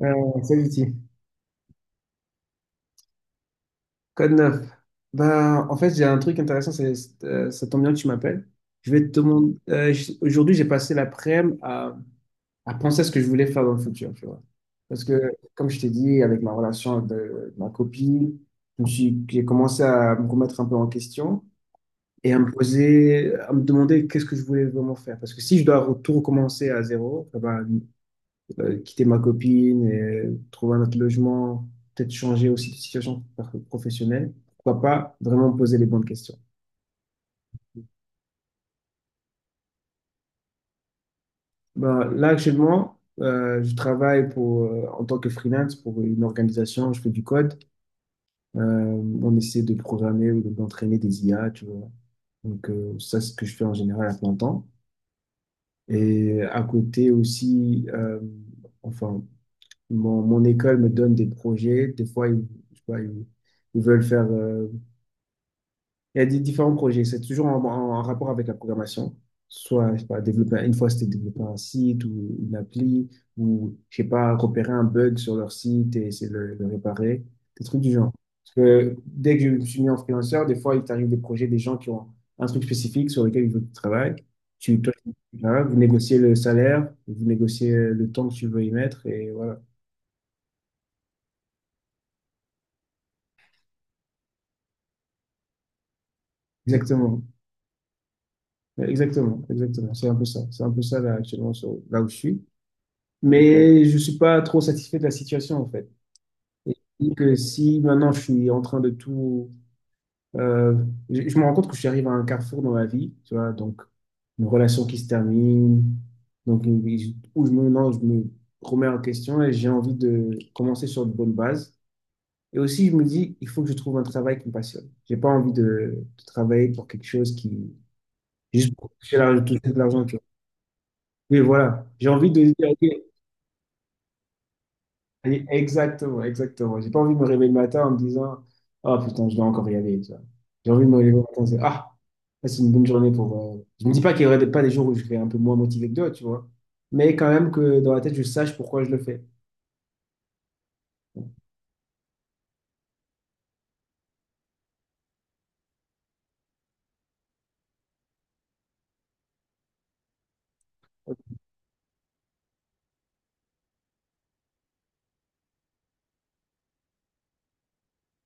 Euh, Salut, Ti. Code 9. En fait, j'ai un truc intéressant, c'est ça tombe bien que tu m'appelles. Je vais te demander. Aujourd'hui, j'ai passé l'après-midi à penser à ce que je voulais faire dans le futur, tu vois. Parce que, comme je t'ai dit, avec ma relation avec de- ma copine, j'ai commencé à me remettre un peu en question et à me demander qu'est-ce que je voulais vraiment faire. Parce que si je dois tout recommencer à zéro, quitter ma copine, et trouver un autre logement, peut-être changer aussi professionnelle. Pourquoi pas vraiment me poser les bonnes questions. Ben, là, actuellement, je travaille en tant que freelance pour une organisation, je fais du code. On essaie de programmer ou d'entraîner des IA, tu vois. Donc, ça, c'est ce que je fais en général à plein temps. Et à côté aussi, enfin, mon école me donne des projets. Des fois, je sais pas, ils veulent faire il y a des différents projets. C'est en rapport avec la programmation. Soit, je sais pas, développer, une fois, c'était développer un site ou une appli, ou, je sais pas, repérer un bug sur leur site et essayer le réparer. Des trucs du genre. Parce que dès que je me suis mis en freelanceur, des fois, il t'arrive des projets, des gens qui ont un truc spécifique sur lequel ils veulent que tu travailles. Tu, toi, tu- voilà, vous négociez le salaire, vous négociez le temps que tu veux y mettre, et voilà. Exactement. Exactement, exactement. C'est un peu ça. Là où je suis. Mais je suis pas trop satisfait de la situation, en fait. Et je dis que si maintenant je suis en train de tout… euh, je me rends compte que j'arrive à un carrefour dans ma vie, tu vois, donc une relation qui se termine, où je me, non, je me remets en question et j'ai envie de commencer sur de bonnes bases. Et aussi, je me dis, il faut que je trouve un travail qui me passionne. J'ai pas envie de travailler pour quelque chose qui… Juste pour toucher toucher de l'argent, tu vois. Oui, voilà. J'ai envie de dire, OK, exactement, exactement. J'ai pas envie de me réveiller le matin en me disant, ah putain, je dois encore y aller, tu vois. J'ai envie de me réveiller le matin, c'est, ah, ça, c'est une bonne journée pour… je me dis pas qu'il pas des jours où je serais un peu moins motivé que d'autres, tu vois. Mais quand même que dans la tête, je sache pourquoi je le fais.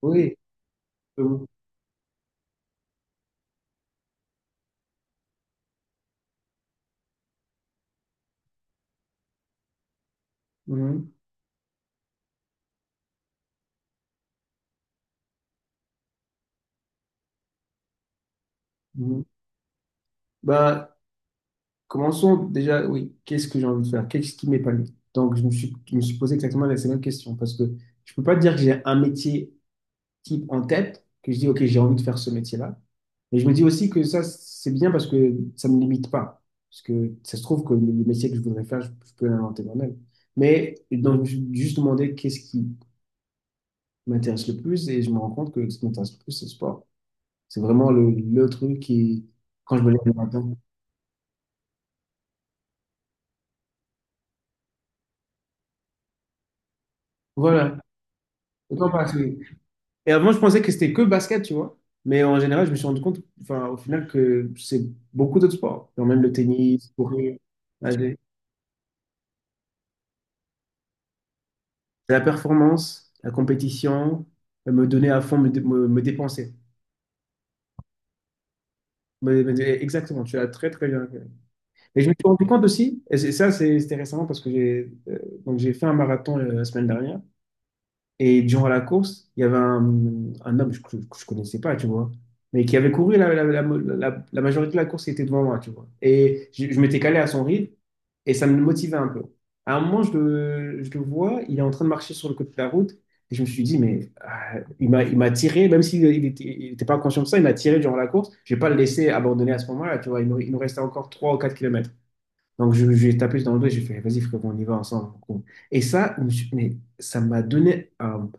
Oui. Euh, mhm, mhm. Ben, commençons déjà, oui, qu'est-ce que j'ai envie de faire? Qu'est-ce qui m'épanouit? Donc, je me suis posé exactement la même question parce que je peux pas dire que j'ai un métier type en tête, que je dis, OK, j'ai envie de faire ce métier-là. Mais je me dis aussi que ça, c'est bien parce que ça me limite pas. Parce que ça se trouve que le métier que je voudrais faire, je peux l'inventer moi-même. Mais donc, je me suis juste demandé qu'est-ce qui m'intéresse le plus et je me rends compte que ce qui m'intéresse le plus, c'est le sport. C'est vraiment le truc qui, quand je me lève le matin. Voilà. Et toi, Patrick. Et avant, je pensais que c'était que basket, tu vois. Mais en général, je me suis rendu compte, enfin, au final, que c'est beaucoup d'autres sports. Genre même le tennis, courir, nager. C'est la performance, la compétition, me donner à fond, me dépenser. Exactement, tu as très, très bien. Et je me suis rendu compte aussi, c'était récemment parce que j'ai fait un marathon la semaine dernière. Et durant la course, il y avait un homme que je ne connaissais pas, tu vois, mais qui avait couru la majorité de la course, il était devant moi, tu vois. Et je m'étais calé à son rythme et ça me motivait un peu. À un moment, je le vois, il est en train de marcher sur le côté de la route et je me suis dit, mais ah, il m'a tiré, même s'il n'était il était pas conscient de ça, il m'a tiré durant la course. Je vais pas le laisser abandonner à ce moment-là, tu vois. Il nous restait encore 3 ou 4 kilomètres. Donc, je lui ai tapé dans le dos et j'ai fait, vas-y, frérot, on y va ensemble. Bon. Et ça, je me suis- mais ça m'a donné un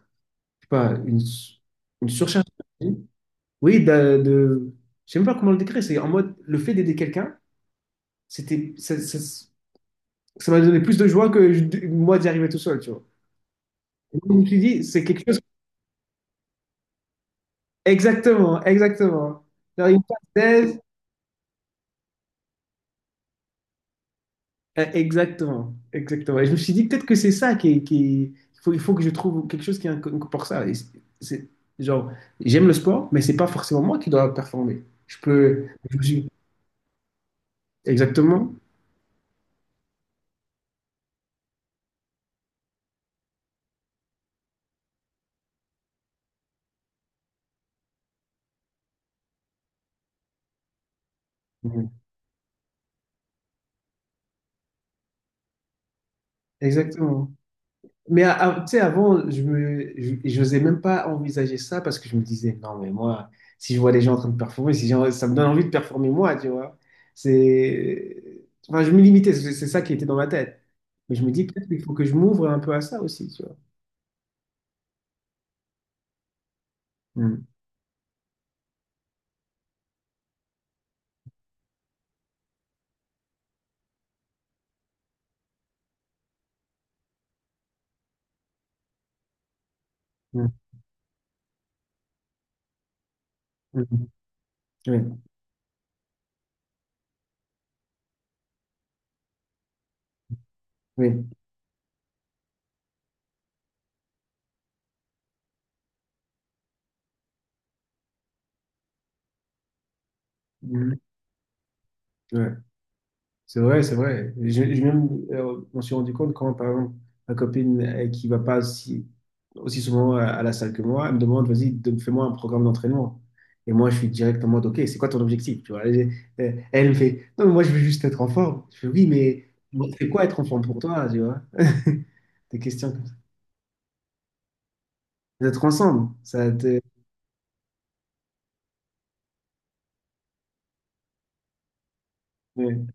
pas, une surcharge d'énergie. Oui, je sais même pas comment le décrire. C'est en mode le fait d'aider quelqu'un, c'était, ça, ça- ça m'a donné plus de joie que moi d'y arriver tout seul, tu vois. Et donc, je me suis dit, c'est quelque chose. Exactement, exactement. Genre, une parenthèse. Exactement, exactement. Et je me suis dit, peut-être que c'est ça il il faut que je trouve quelque chose qui est pour ça. Et c'est- genre, j'aime le sport, mais c'est pas forcément moi qui dois performer. Je peux, je me suis- exactement, exactement. Mais tu sais, avant, je n'osais même pas envisager ça parce que je me disais, non, mais moi, si je vois des gens en train de performer, si j'ai- ça me donne envie de performer moi, tu vois. C'est, enfin, je me limitais, c'est ça qui était dans ma tête. Mais je me dis, peut-être qu'il faut que je m'ouvre un peu à ça aussi, tu vois. Mm, mm, mm, Oui, oui. mm, ouais. C'est vrai, c'est vrai. On s'est rendu compte quand, par exemple, ma copine qui va pas aussi souvent à la salle que moi, elle me demande, vas-y, fais-moi un programme d'entraînement. Et moi, je suis direct en mode, OK, c'est quoi ton objectif? Tu vois, elle, elle me fait, non, mais moi, je veux juste être en forme. Je fais, oui, mais c'est quoi être en forme pour toi, tu vois? Des questions comme ça. D'être ensemble, ça te… ouais.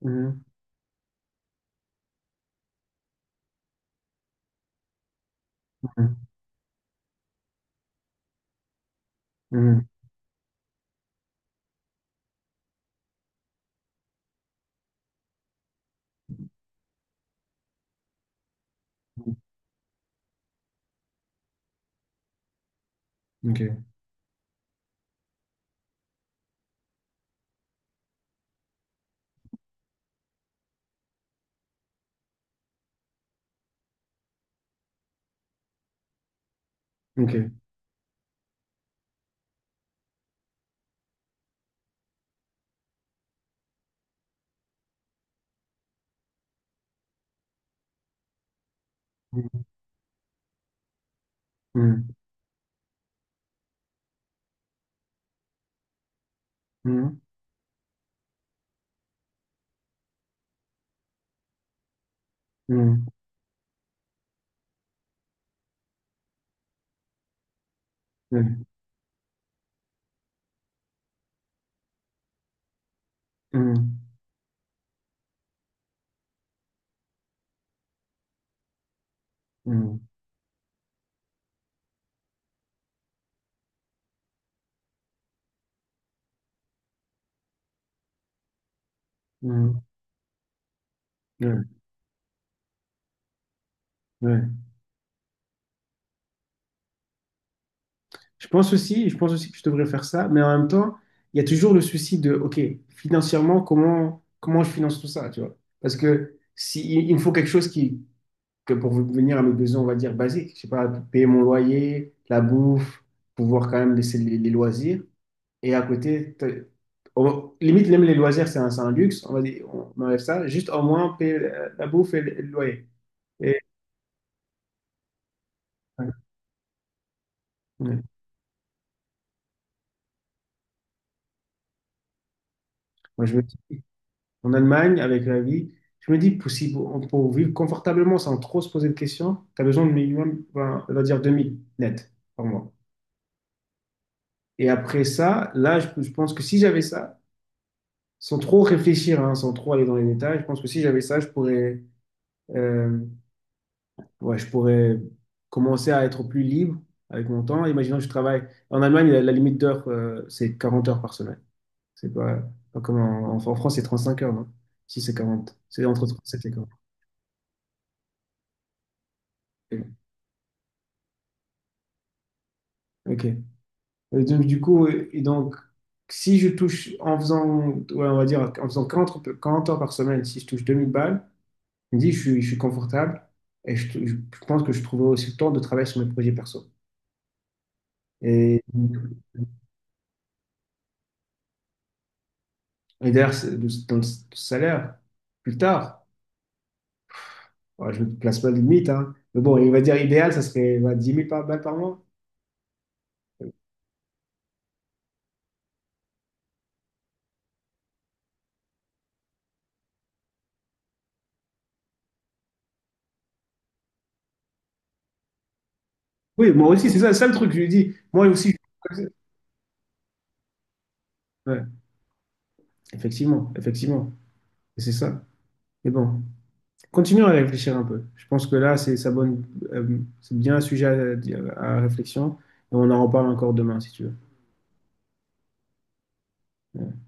Mhm, mhm, mhm. OK, OK. Mhm, mhm, mhm, mhm, mhm, mhm, mhm. Ouais, ouais. Je pense aussi que je devrais faire ça, mais en même temps, il y a toujours le souci de, OK, financièrement, comment je finance tout ça, tu vois? Parce que si, il me faut quelque chose qui, que pour venir à mes besoins, on va dire basiques, je sais pas, payer mon loyer, la bouffe, pouvoir quand même laisser les loisirs. Et à côté, limite, même les loisirs, c'est c'est un luxe, on va dire, on enlève ça, juste au moins payer la bouffe et et le loyer. Et, ouais. Ouais. Moi, je me dis, en Allemagne avec la vie. Je me dis, pour vivre confortablement sans trop se poser de questions, tu as besoin de minimum, ben, on va dire 2000 net par mois. Et après ça, là, je pense que si j'avais ça, sans trop réfléchir, hein, sans trop aller dans les détails, je pense que si j'avais ça, je pourrais, euh, ouais, je pourrais commencer à être plus libre avec mon temps. Imaginons que je travaille. En Allemagne, la limite d'heure, c'est 40 heures par semaine. C'est pas, pas comme en France, c'est 35 heures, non? Si c'est 40, c'est entre 37 et 40. Ok. Et donc, du coup, si je touche en faisant, ouais, on va dire, en faisant 40 heures 40 heures par semaine, si je touche 2000 balles, je me dis, je suis confortable et je pense que je trouverai aussi le temps de travailler sur mes projets perso. Et, et d'ailleurs, dans salaire, plus tard, ouais, je ne place pas de limite, hein. Mais bon, il va dire idéal, ça serait bah, 10 000 balles par mois. Oui, moi aussi, c'est ça le truc, je lui dis. Moi aussi, je… ouais, effectivement, effectivement, et c'est ça. Mais bon. Continuons à réfléchir un peu. Je pense que là, c'est ça bonne, c'est bien un sujet à réflexion. Et on en reparle encore demain, si tu veux.